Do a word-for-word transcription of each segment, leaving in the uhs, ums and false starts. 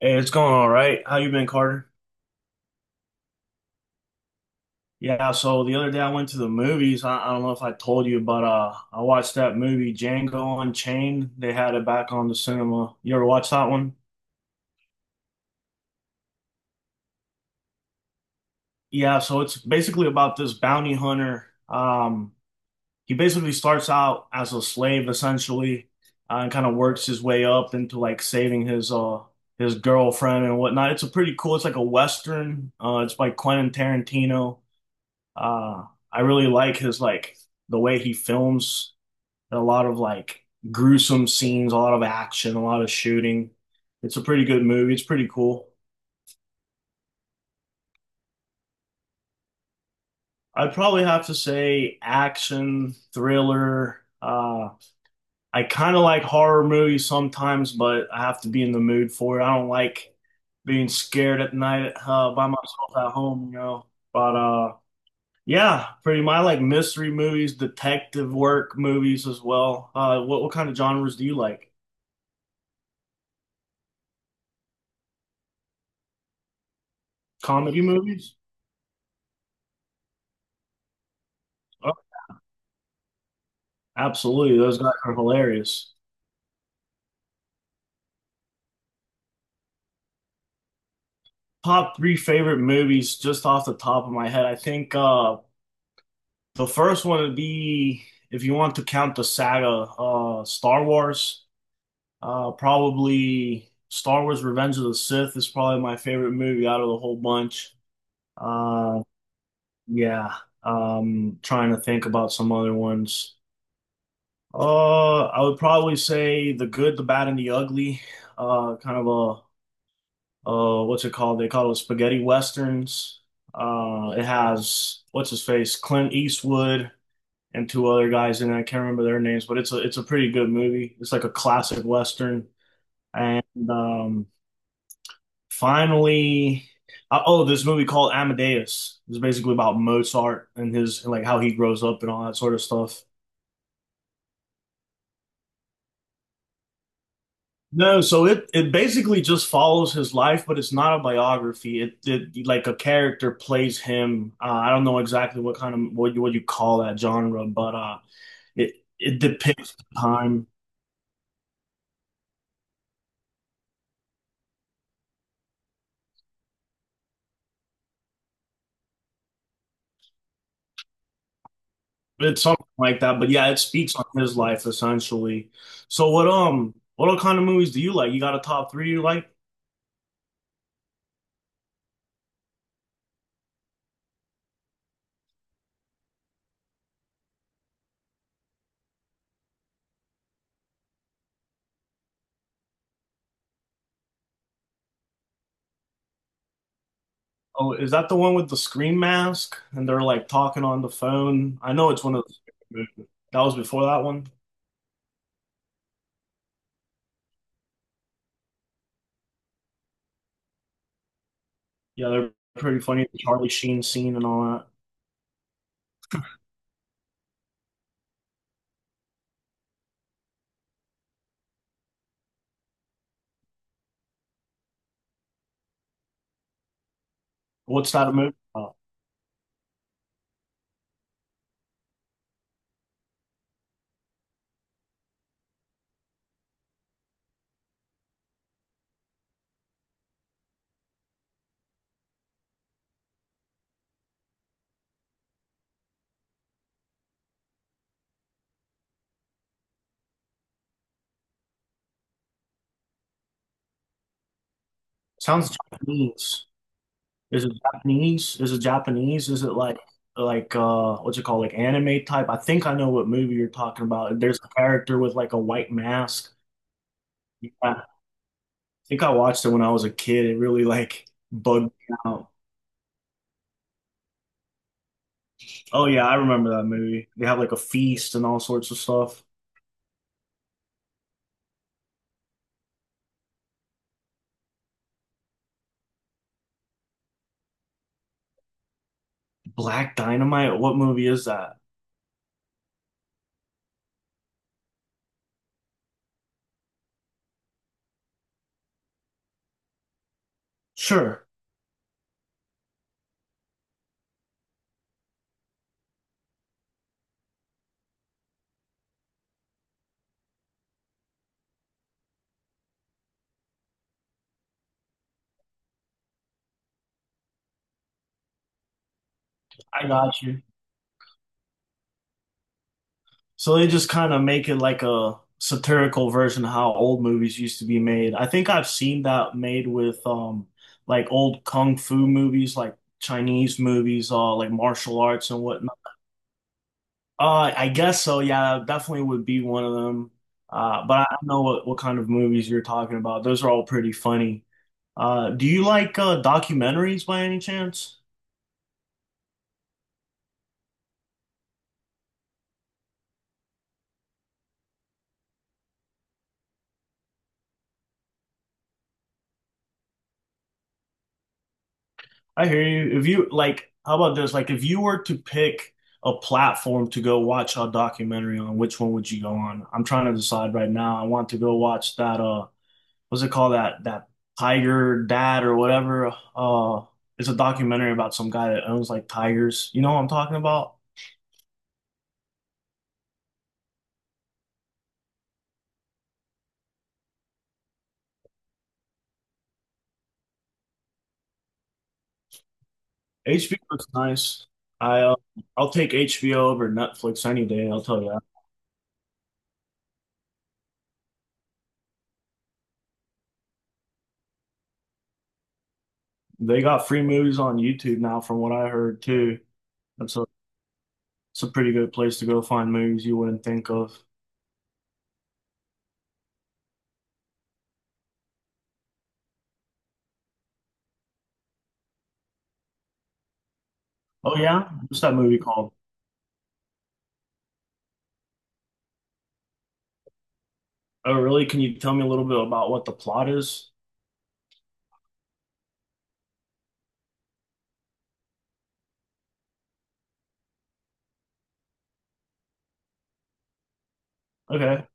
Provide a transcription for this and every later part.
Hey, it's going all right. How you been, Carter? Yeah, so the other day I went to the movies. I, I don't know if I told you, but uh, I watched that movie Django Unchained. They had it back on the cinema. You ever watch that one? Yeah, so it's basically about this bounty hunter. Um, he basically starts out as a slave essentially, uh, and kind of works his way up into like saving his uh his girlfriend and whatnot. It's a pretty cool. It's like a Western. Uh, it's by Quentin Tarantino. Uh, I really like his like the way he films a lot of like gruesome scenes, a lot of action, a lot of shooting. It's a pretty good movie. It's pretty cool. I'd probably have to say action, thriller. Uh, I kind of like horror movies sometimes, but I have to be in the mood for it. I don't like being scared at night uh, by myself at home, you know. But uh, Yeah, pretty much. I like mystery movies, detective work movies as well. Uh, what what kind of genres do you like? Comedy movies? Oh, absolutely. Those guys are hilarious. Top three favorite movies just off the top of my head. I think uh the first one would be if you want to count the saga, uh Star Wars. Uh probably Star Wars Revenge of the Sith is probably my favorite movie out of the whole bunch. Uh yeah. Um trying to think about some other ones. Uh, I would probably say the good, the bad, and the ugly. Uh, kind of a uh, what's it called? They call it spaghetti westerns. Uh, it has what's his face, Clint Eastwood, and two other guys in it. I can't remember their names, but it's a it's a pretty good movie. It's like a classic western. And um, finally, uh, oh, this movie called Amadeus. It's basically about Mozart and his and like how he grows up and all that sort of stuff. No, so it it basically just follows his life, but it's not a biography. It it like a character plays him. Uh, I don't know exactly what kind of what you what you call that genre, but uh, it it depicts the time. It's something like that. But yeah, it speaks on his life essentially. So what um what kind of movies do you like? You got a top three you like? Oh, is that the one with the scream mask and they're like talking on the phone? I know it's one of the that was before that one. Yeah, they're pretty funny. The Charlie Sheen scene and all that. What's that a movie about? Sounds Japanese. Is it Japanese? Is it Japanese? Is it like like uh what's it called? Like anime type? I think I know what movie you're talking about. There's a character with like a white mask. Yeah, I think I watched it when I was a kid. It really like bugged me out. Oh yeah, I remember that movie. They have like a feast and all sorts of stuff. Black Dynamite? What movie is that? Sure. I got you. So they just kind of make it like a satirical version of how old movies used to be made. I think I've seen that made with um like old kung fu movies, like Chinese movies, uh like martial arts and whatnot. Uh I guess so, yeah, definitely would be one of them. Uh but I I know what, what kind of movies you're talking about. Those are all pretty funny. Uh do you like uh documentaries by any chance? I hear you. If you like, how about this? Like, if you were to pick a platform to go watch a documentary on, which one would you go on? I'm trying to decide right now. I want to go watch that uh what's it called? That that Tiger Dad or whatever. Uh it's a documentary about some guy that owns like tigers. You know what I'm talking about? H B O looks nice. I uh, I'll take H B O over Netflix any day, I'll tell you that. They got free movies on YouTube now from what I heard too. That's it's a pretty good place to go find movies you wouldn't think of. Oh yeah? What's that movie called? Oh really? Can you tell me a little bit about what the plot is? Okay,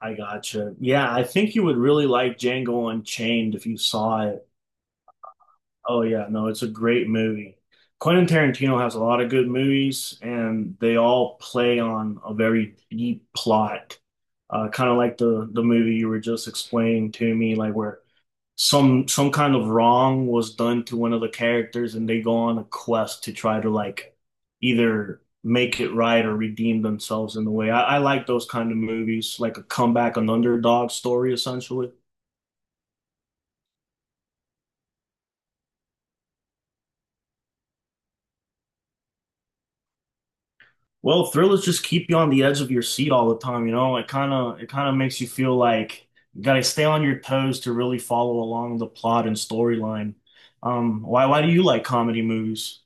I gotcha. Yeah, I think you would really like Django Unchained if you saw it. Oh yeah, no, it's a great movie. Quentin Tarantino has a lot of good movies, and they all play on a very deep plot. Uh, kind of like the the movie you were just explaining to me, like where some some kind of wrong was done to one of the characters and they go on a quest to try to like either make it right or redeem themselves in a way. I, I like those kind of movies, like a comeback, an underdog story essentially. Well, thrillers just keep you on the edge of your seat all the time, you know? It kind of it kind of makes you feel like you gotta stay on your toes to really follow along the plot and storyline. Um, why why do you like comedy movies?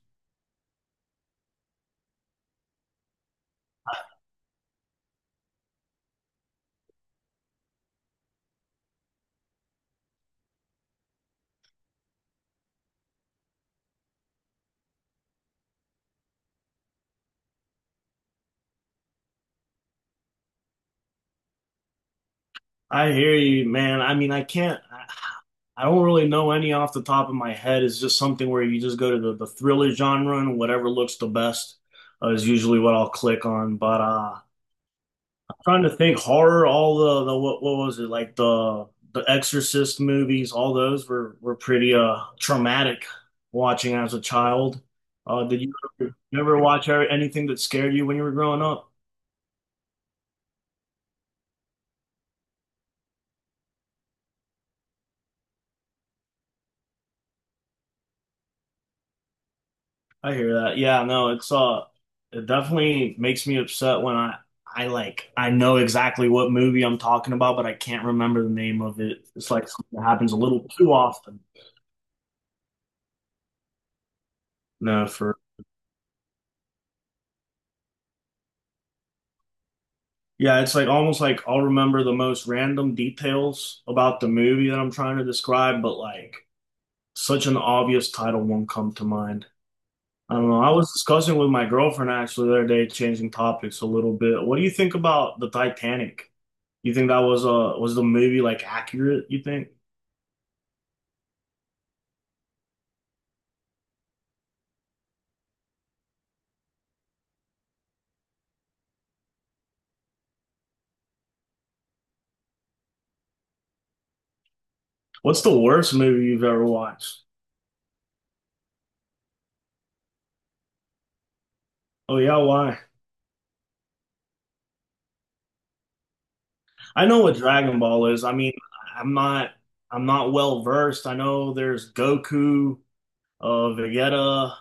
I hear you, man. I mean, I can't. I don't really know any off the top of my head. It's just something where you just go to the, the thriller genre and whatever looks the best uh, is usually what I'll click on. But uh, I'm trying to think horror, all the, the what what was it like the the Exorcist movies, all those were were pretty uh traumatic watching as a child. Uh, did you ever, you ever watch anything that scared you when you were growing up? I hear that. Yeah, no, it's uh it definitely makes me upset when I I like I know exactly what movie I'm talking about, but I can't remember the name of it. It's like something that happens a little too often. No, for yeah, it's like almost like I'll remember the most random details about the movie that I'm trying to describe, but like such an obvious title won't come to mind. I don't know. I was discussing with my girlfriend actually the other day, changing topics a little bit. What do you think about the Titanic? You think that was uh was the movie like accurate, you think? What's the worst movie you've ever watched? Oh yeah, why? I know what Dragon Ball is. I mean, I'm not I'm not well versed. I know there's Goku, uh Vegeta,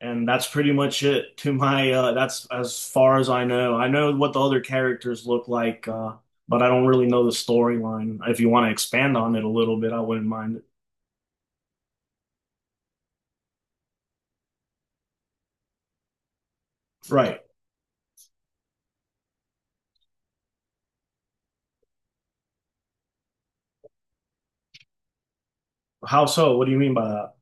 and that's pretty much it to my uh that's as far as I know. I know what the other characters look like, uh, but I don't really know the storyline. If you want to expand on it a little bit, I wouldn't mind it. Right. How so? What do you mean by that?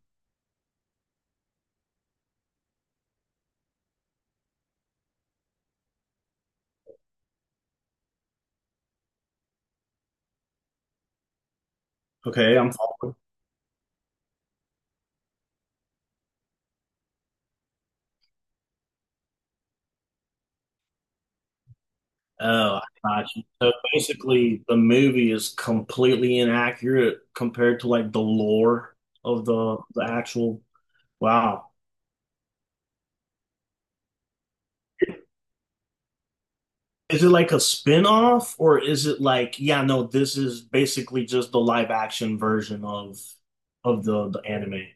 Okay, I'm following. Oh, I got you. So basically, the movie is completely inaccurate compared to like the lore of the the actual. Wow. Is it like a spin-off or is it like, yeah, no, this is basically just the live action version of of the the anime.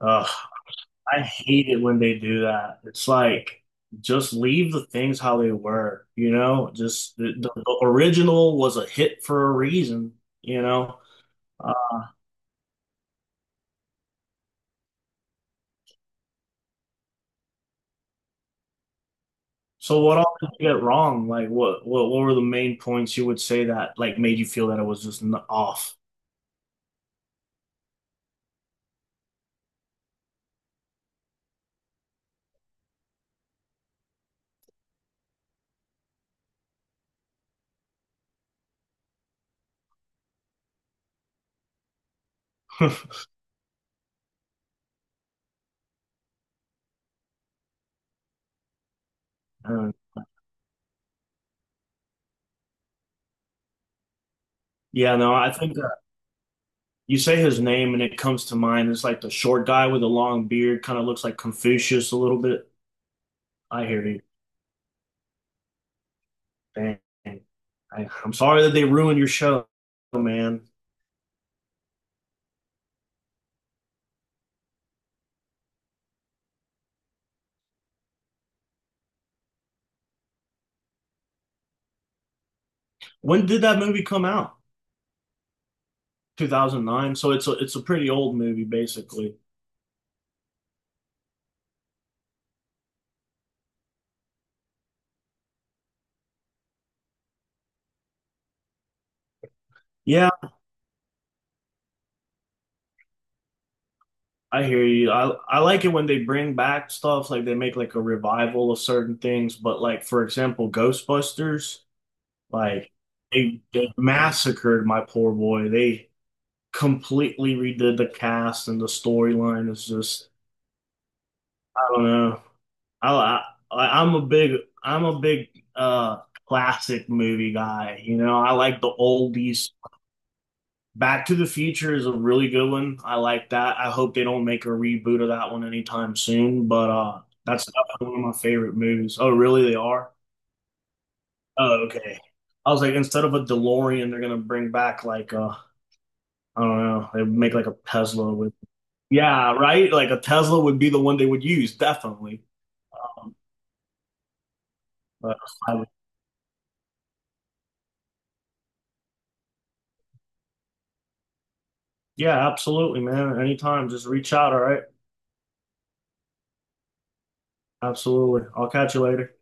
Ugh, I hate it when they do that. It's like just leave the things how they were, you know? Just the, the, the original was a hit for a reason, you know? So what all did you get wrong? Like what what what were the main points you would say that like made you feel that it was just n off? Uh, yeah, no, I think uh, you say his name and it comes to mind. It's like the short guy with the long beard, kind of looks like Confucius a little bit. I hear you. Dang. I, I'm sorry that they ruined your show, man. When did that movie come out? twenty oh nine. So it's a it's a pretty old movie, basically. Yeah, I hear you. I I like it when they bring back stuff, like they make like a revival of certain things, but like for example, Ghostbusters, like they, they massacred my poor boy. They completely redid the cast and the storyline is just I don't know. I, I like, I'm a big I'm a big uh classic movie guy. You know, I like the oldies Back to the Future is a really good one. I like that. I hope they don't make a reboot of that one anytime soon, but uh that's definitely one of my favorite movies. Oh, really? They are? Oh, okay. I was like, instead of a DeLorean, they're gonna bring back like uh I don't know, they make like a Tesla with yeah, right? Like a Tesla would be the one they would use, definitely. Um, but I would- yeah, absolutely, man. Anytime, just reach out, all right? Absolutely. I'll catch you later.